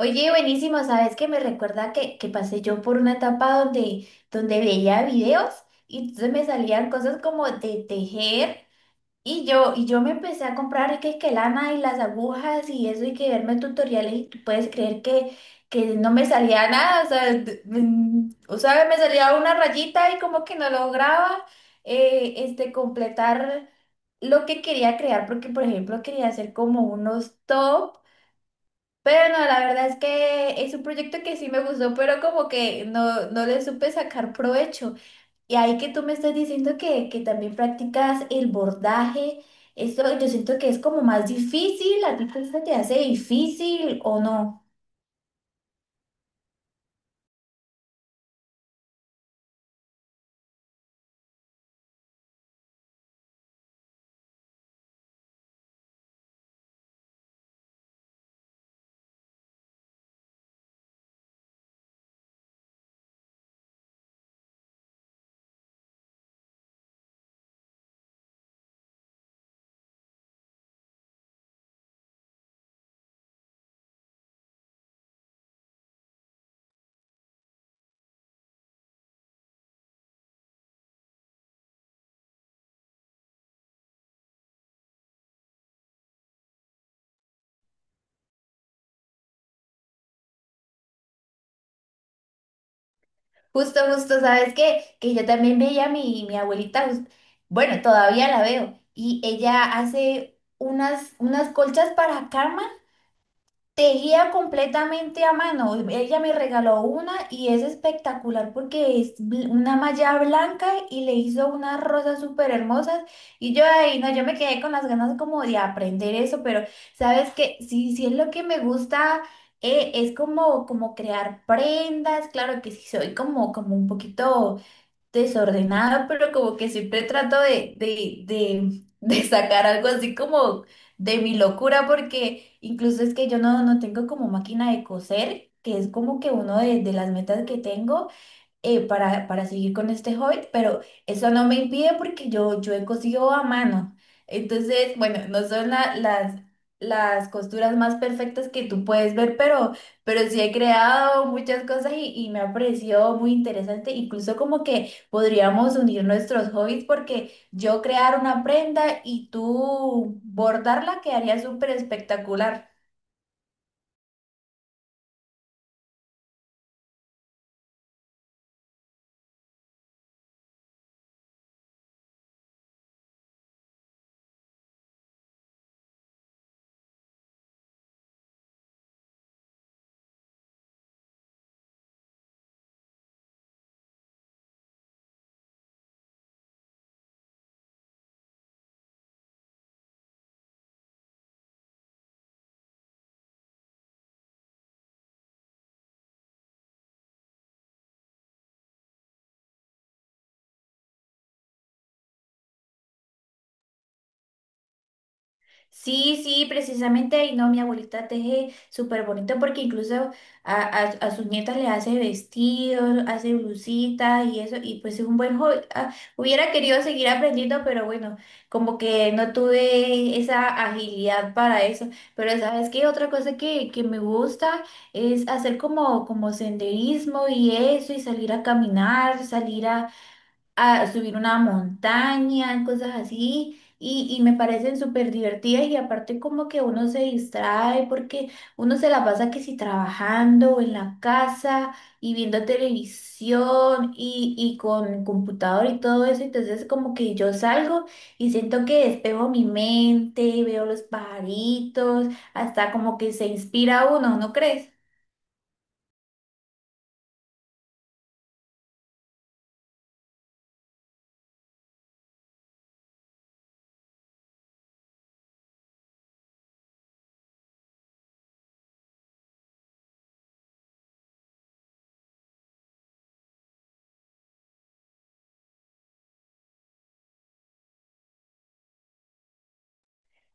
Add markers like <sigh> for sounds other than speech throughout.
Oye, buenísimo, ¿sabes qué? Me recuerda que pasé yo por una etapa donde veía videos y entonces me salían cosas como de tejer y yo me empecé a comprar que lana y las agujas y eso y que verme tutoriales y tú puedes creer que no me salía nada, o sea, o sea, me salía una rayita y como que no lograba completar lo que quería crear porque, por ejemplo, quería hacer como unos top. Pero no, la verdad es que es un proyecto que sí me gustó, pero como que no le supe sacar provecho. Y ahí que tú me estás diciendo que también practicas el bordaje. Esto yo siento que es como más difícil. ¿A ti te se te hace difícil o no? Justo, justo, ¿sabes qué? Que yo también veía a mi abuelita. Bueno todavía la veo, y ella hace unas colchas para cama. Tejía completamente a mano. Ella me regaló una y es espectacular porque es una malla blanca y le hizo unas rosas súper hermosas. Y yo ahí, no, yo me quedé con las ganas como de aprender eso, pero sabes que sí, sí es lo que me gusta. Es como crear prendas. Claro que sí, soy como un poquito desordenada, pero como que siempre trato <laughs> de sacar algo así como de mi locura, porque incluso es que yo no tengo como máquina de coser, que es como que uno de las metas que tengo para seguir con este hobby, pero eso no me impide porque yo he cosido a mano. Entonces, bueno, no son las costuras más perfectas que tú puedes ver, pero sí he creado muchas cosas y me ha parecido muy interesante. Incluso como que podríamos unir nuestros hobbies porque yo crear una prenda y tú bordarla quedaría súper espectacular. Sí, sí, precisamente, y no, mi abuelita teje súper bonito porque incluso a sus nietas le hace vestidos, hace blusitas y eso, y pues es un buen hobby. Ah, hubiera querido seguir aprendiendo, pero bueno, como que no tuve esa agilidad para eso. Pero sabes qué, otra cosa que me gusta es hacer como senderismo y eso, y salir a caminar, salir a subir una montaña, cosas así, y me parecen súper divertidas y aparte como que uno se distrae porque uno se la pasa que si trabajando o en la casa y viendo televisión y con computador y todo eso, entonces como que yo salgo y siento que despejo mi mente, veo los pajaritos, hasta como que se inspira uno, ¿no crees?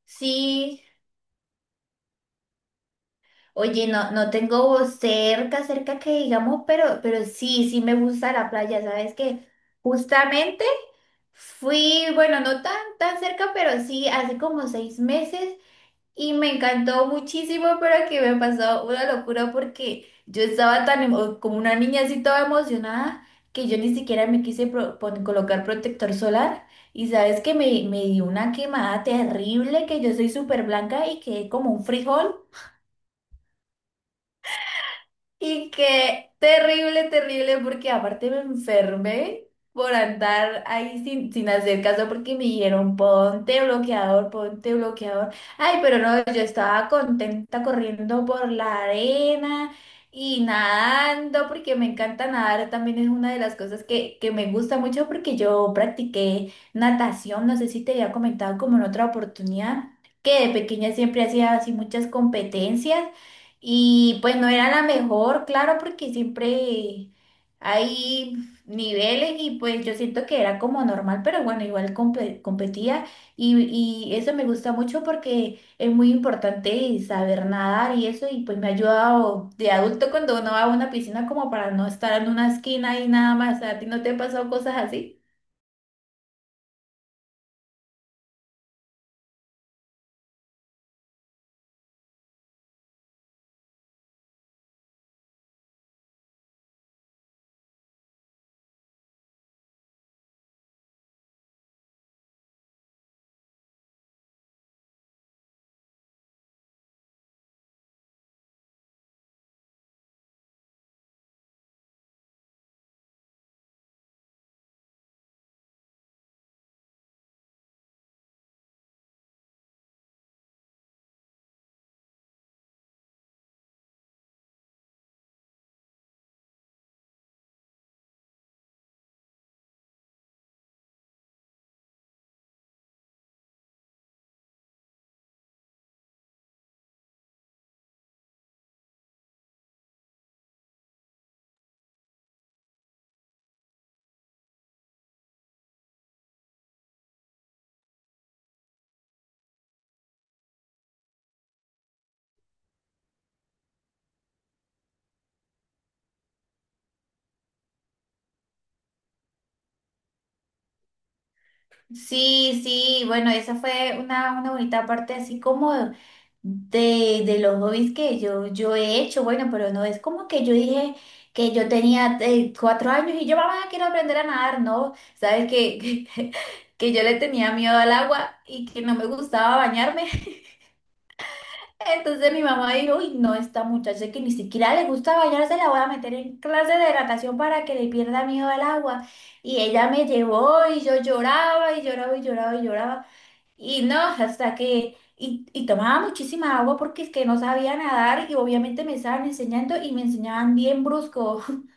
Sí. Oye, no, no tengo cerca, cerca que digamos, pero sí, sí me gusta la playa, ¿sabes qué? Justamente fui, bueno, no tan, tan cerca, pero sí, hace como 6 meses y me encantó muchísimo, pero que me pasó una locura porque yo estaba tan, como una niña así toda emocionada, que yo ni siquiera me quise colocar protector solar y sabes que me dio una quemada terrible, que yo soy súper blanca y quedé como un frijol. Y que terrible, terrible, porque aparte me enfermé por andar ahí sin hacer caso, porque me dijeron ponte bloqueador, ponte bloqueador. Ay, pero no, yo estaba contenta corriendo por la arena y nadando, porque me encanta nadar, también es una de las cosas que me gusta mucho, porque yo practiqué natación, no sé si te había comentado como en otra oportunidad, que de pequeña siempre hacía así muchas competencias. Y pues no era la mejor, claro, porque siempre hay niveles y pues yo siento que era como normal, pero bueno, igual competía, y eso me gusta mucho porque es muy importante saber nadar y eso, y pues me ha ayudado de adulto cuando uno va a una piscina como para no estar en una esquina y nada más. ¿A ti no te han pasado cosas así? Sí, sí, bueno, esa fue una bonita parte así como de los hobbies que yo he hecho. Bueno, pero no es como que yo dije que yo tenía 4 años y yo, mamá, quiero aprender a nadar, no, sabes que, <laughs> que, que yo le tenía miedo al agua y que no me gustaba bañarme, <laughs> entonces mi mamá dijo, uy, no, esta muchacha que ni siquiera le gusta bañarse, la voy a meter en clase de natación para que le pierda miedo al agua, y ella me llevó y yo lloraba y lloraba y lloraba y lloraba. Y no, hasta que, y tomaba muchísima agua porque es que no sabía nadar y obviamente me estaban enseñando y me enseñaban bien brusco. <laughs>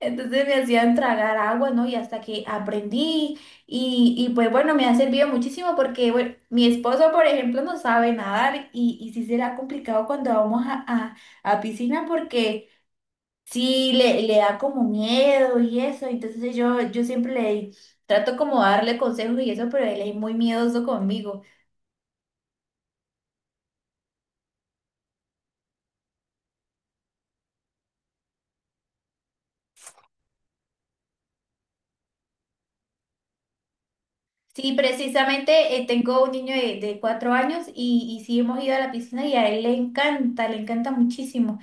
Entonces me hacían tragar agua, ¿no? Y hasta que aprendí, y pues bueno, me ha servido muchísimo porque bueno, mi esposo, por ejemplo, no sabe nadar, y sí será complicado cuando vamos a piscina porque sí le da como miedo y eso. Entonces yo siempre le trato como darle consejos y eso, pero él es muy miedoso conmigo. Sí, precisamente tengo un niño de 4 años, y sí hemos ido a la piscina y a él le encanta muchísimo.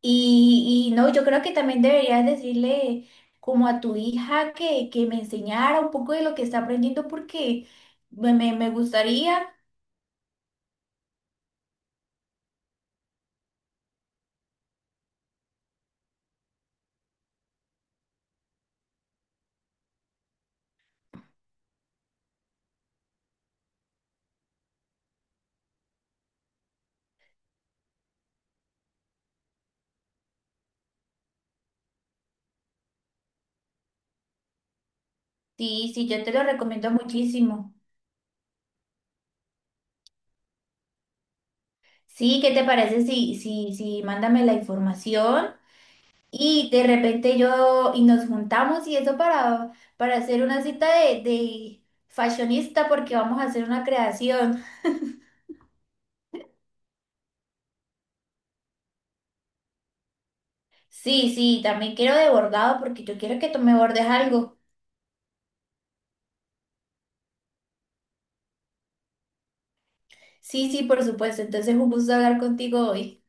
Y no, yo creo que también deberías decirle como a tu hija que me enseñara un poco de lo que está aprendiendo porque me gustaría. Sí, sí, yo te lo recomiendo muchísimo. Sí, ¿qué te parece? Sí, sí, sí, mándame la información. Y de repente yo, y nos juntamos y eso para, hacer una cita de fashionista porque vamos a hacer una creación. Sí, sí, también quiero de bordado porque yo quiero que tú me bordes algo. Sí, sí, por supuesto. Entonces, un gusto hablar contigo hoy.